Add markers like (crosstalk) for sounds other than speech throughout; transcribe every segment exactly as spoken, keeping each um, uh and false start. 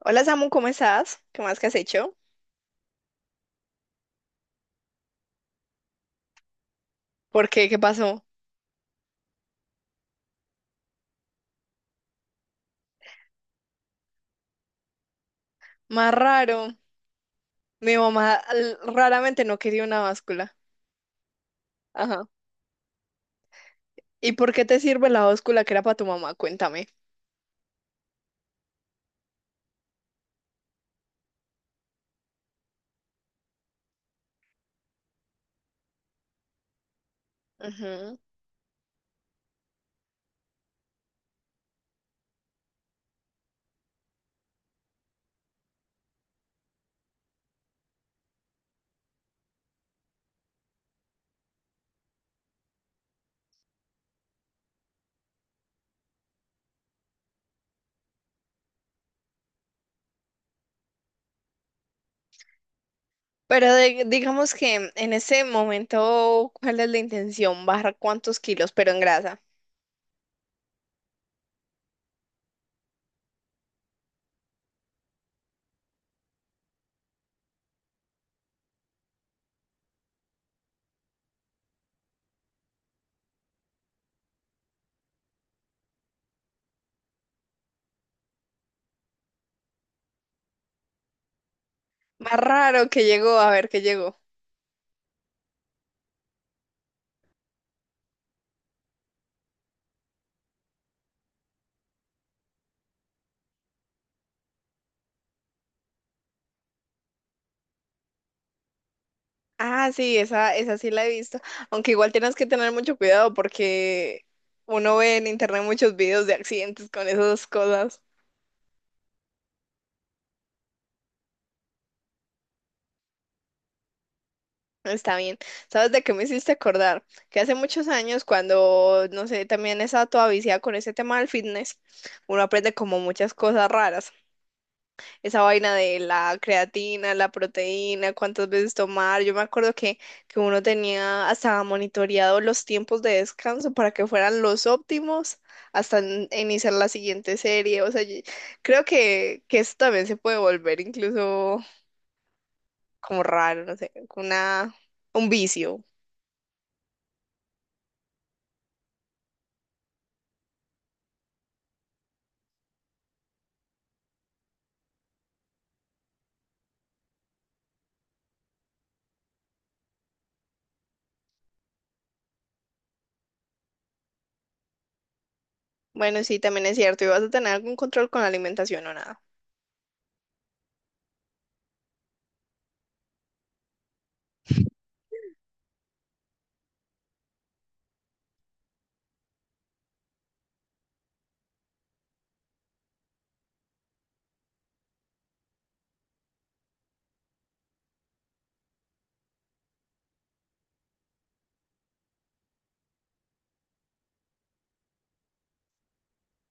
Hola Samu, ¿cómo estás? ¿Qué más que has hecho? ¿Por qué? ¿Qué pasó? Más raro. Mi mamá l- raramente no quería una báscula. Ajá. ¿Y por qué te sirve la báscula que era para tu mamá? Cuéntame. Ujú. Pero de- digamos que en ese momento, ¿cuál es la intención? ¿Bajar cuántos kilos, pero en grasa? Más raro que llegó, a ver qué llegó. Ah, sí, esa, esa sí la he visto. Aunque igual tienes que tener mucho cuidado porque uno ve en internet muchos videos de accidentes con esas cosas. Está bien. ¿Sabes de qué me hiciste acordar? Que hace muchos años, cuando, no sé, también estaba toda viciada con ese tema del fitness, uno aprende como muchas cosas raras. Esa vaina de la creatina, la proteína, cuántas veces tomar. Yo me acuerdo que, que uno tenía hasta monitoreado los tiempos de descanso para que fueran los óptimos hasta in- iniciar la siguiente serie. O sea, yo- creo que, que eso también se puede volver incluso como raro, no sé, una, un vicio. Bueno, sí, también es cierto. ¿Y vas a tener algún control con la alimentación o nada?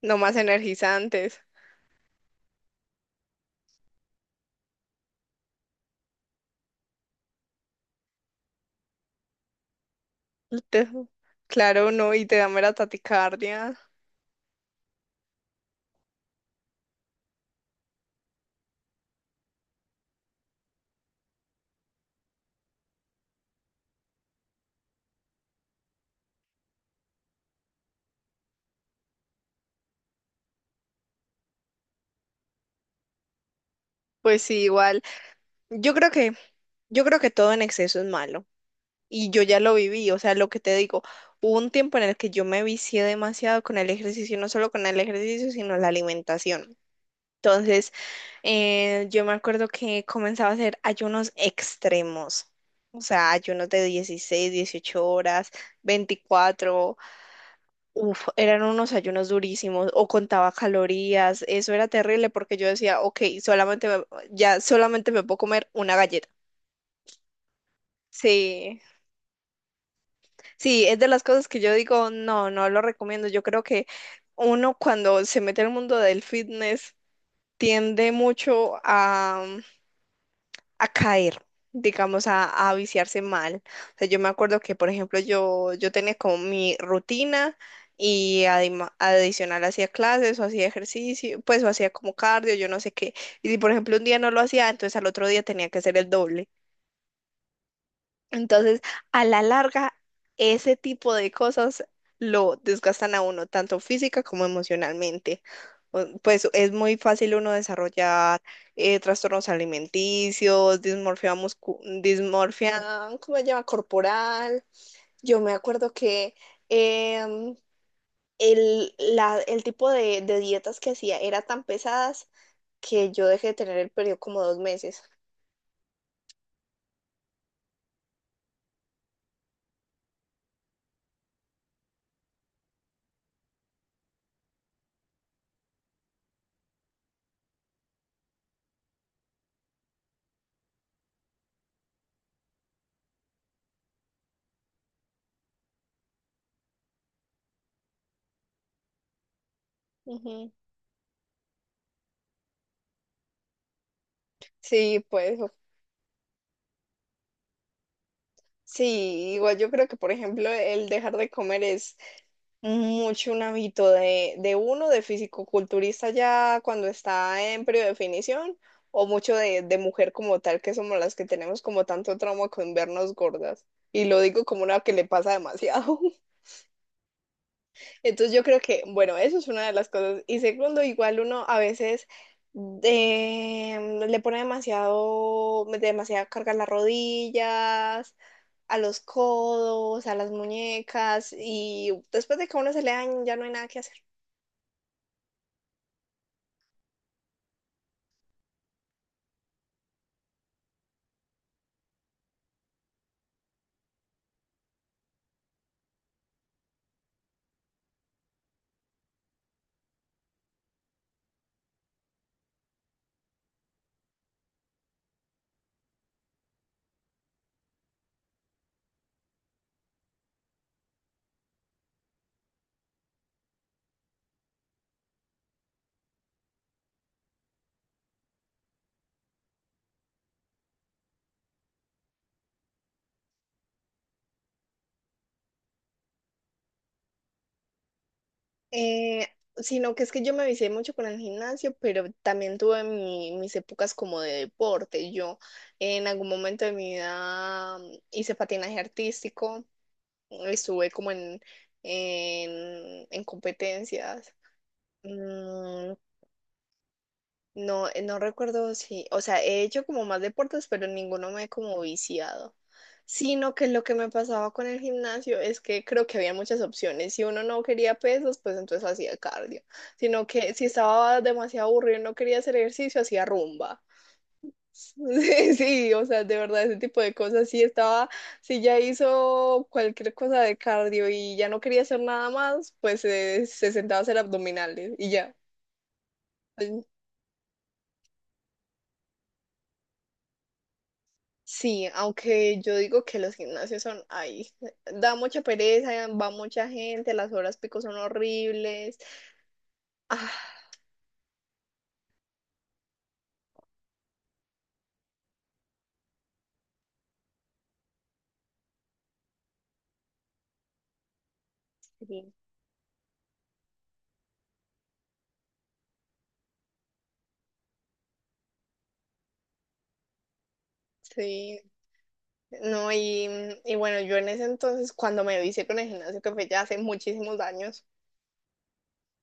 No más energizantes. Te- Claro, no, y te da mera taticardia. Pues sí, igual. Yo creo que, yo creo que todo en exceso es malo. Y yo ya lo viví, o sea, lo que te digo, hubo un tiempo en el que yo me vicié demasiado con el ejercicio, no solo con el ejercicio, sino la alimentación. Entonces, eh, yo me acuerdo que comenzaba a hacer ayunos extremos, o sea, ayunos de dieciséis, dieciocho horas, veinticuatro. Uf, eran unos ayunos durísimos, o contaba calorías, eso era terrible porque yo decía, ok, solamente me- ya solamente me puedo comer una galleta. Sí, sí, es de las cosas que yo digo, no, no lo recomiendo. Yo creo que uno cuando se mete al mundo del fitness tiende mucho a a caer, digamos, a, a viciarse mal. O sea, yo me acuerdo que, por ejemplo, yo, yo tenía como mi rutina y adima- adicional hacía clases o hacía ejercicio, pues o hacía como cardio, yo no sé qué. Y si, por ejemplo, un día no lo hacía, entonces al otro día tenía que hacer el doble. Entonces, a la larga, ese tipo de cosas lo desgastan a uno, tanto física como emocionalmente. O- Pues es muy fácil uno desarrollar eh, trastornos alimenticios, dismorfia muscu- dismorfia, ¿cómo se llama? Corporal. Yo me acuerdo que em, el, la- el tipo de, de dietas que hacía era tan pesadas que yo dejé de tener el periodo como dos meses. Ujú. Sí, pues. Sí, igual yo creo que, por ejemplo, el dejar de comer es mucho un hábito de, de uno, de fisicoculturista ya cuando está en definición, o mucho de, de mujer como tal, que somos las que tenemos como tanto trauma con vernos gordas. Y lo digo como una que le pasa demasiado. (laughs) Entonces yo creo que, bueno, eso es una de las cosas. Y segundo, igual uno a veces eh, le pone demasiado, demasiada carga a las rodillas, a los codos, a las muñecas, y después de que a uno se le dañe ya no hay nada que hacer. Eh, Sino que es que yo me vicié mucho con el gimnasio, pero también tuve mi- mis épocas como de deporte. Yo en algún momento de mi vida mm, hice patinaje artístico. Estuve como en, en, en competencias. Mm, no, no recuerdo si, o sea, he hecho como más deportes, pero ninguno me he como viciado. Sino que lo que me pasaba con el gimnasio es que creo que había muchas opciones. Si uno no quería pesas, pues entonces hacía cardio. Sino que si estaba demasiado aburrido y no quería hacer ejercicio, hacía rumba. (laughs) Sí, sí, o sea, de verdad, ese tipo de cosas, sí estaba, si ya hizo cualquier cosa de cardio y ya no quería hacer nada más, pues eh, se sentaba a hacer abdominales y ya. Pues, sí, aunque yo digo que los gimnasios son, ay, da mucha pereza, va mucha gente, las horas pico son horribles. Ah, sí, sí, no, y, y bueno, yo en ese entonces, cuando me lo hice con el gimnasio, que fue ya hace muchísimos años,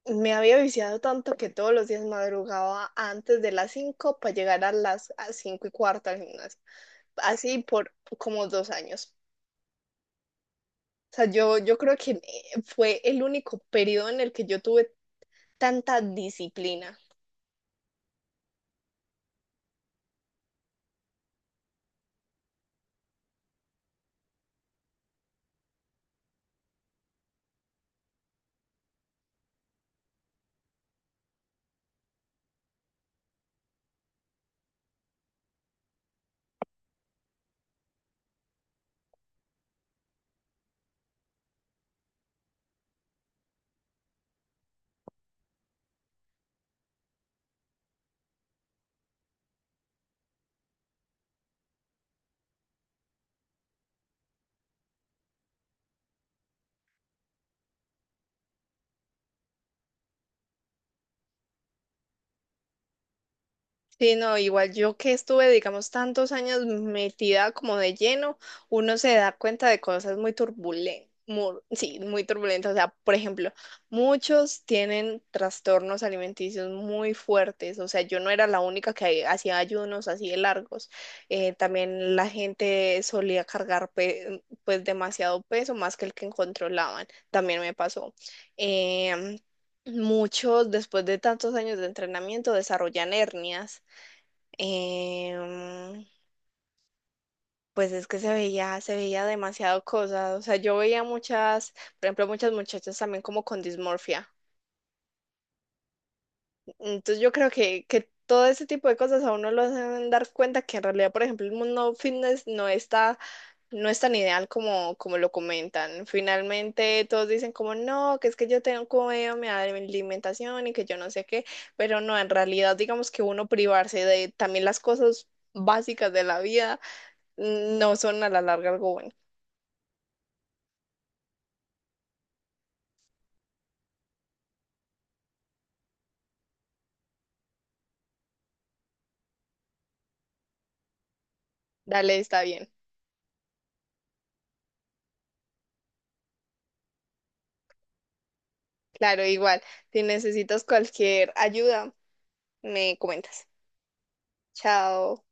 me había viciado tanto que todos los días madrugaba antes de las cinco para llegar a las a cinco y cuarto al gimnasio. Así por como dos años. O sea, yo, yo creo que eh, fue el único periodo en el que yo tuve tanta disciplina. Sí, no, igual yo que estuve, digamos, tantos años metida como de lleno, uno se da cuenta de cosas muy turbulentas, sí, muy turbulentas. O sea, por ejemplo, muchos tienen trastornos alimenticios muy fuertes. O sea, yo no era la única que hacía ayunos así de largos. Eh, también la gente solía cargar pe- pues demasiado peso, más que el que controlaban. También me pasó. Em, Muchos, después de tantos años de entrenamiento, desarrollan hernias em, pues es que se veía, se veía demasiado cosas. O sea, yo veía muchas, por ejemplo, muchas muchachas también como con dismorfia. Entonces yo creo que, que todo ese tipo de cosas a uno lo hacen dar cuenta que en realidad, por ejemplo, el mundo fitness no está, no es tan ideal como, como lo comentan. Finalmente todos dicen como no, que es que yo tengo como medio mi alimentación y que yo no sé qué, pero no, en realidad digamos que uno privarse de también las cosas básicas de la vida no son a la larga algo bueno. Dale, está bien. Claro, igual. Si necesitas cualquier ayuda, me comentas. Chao.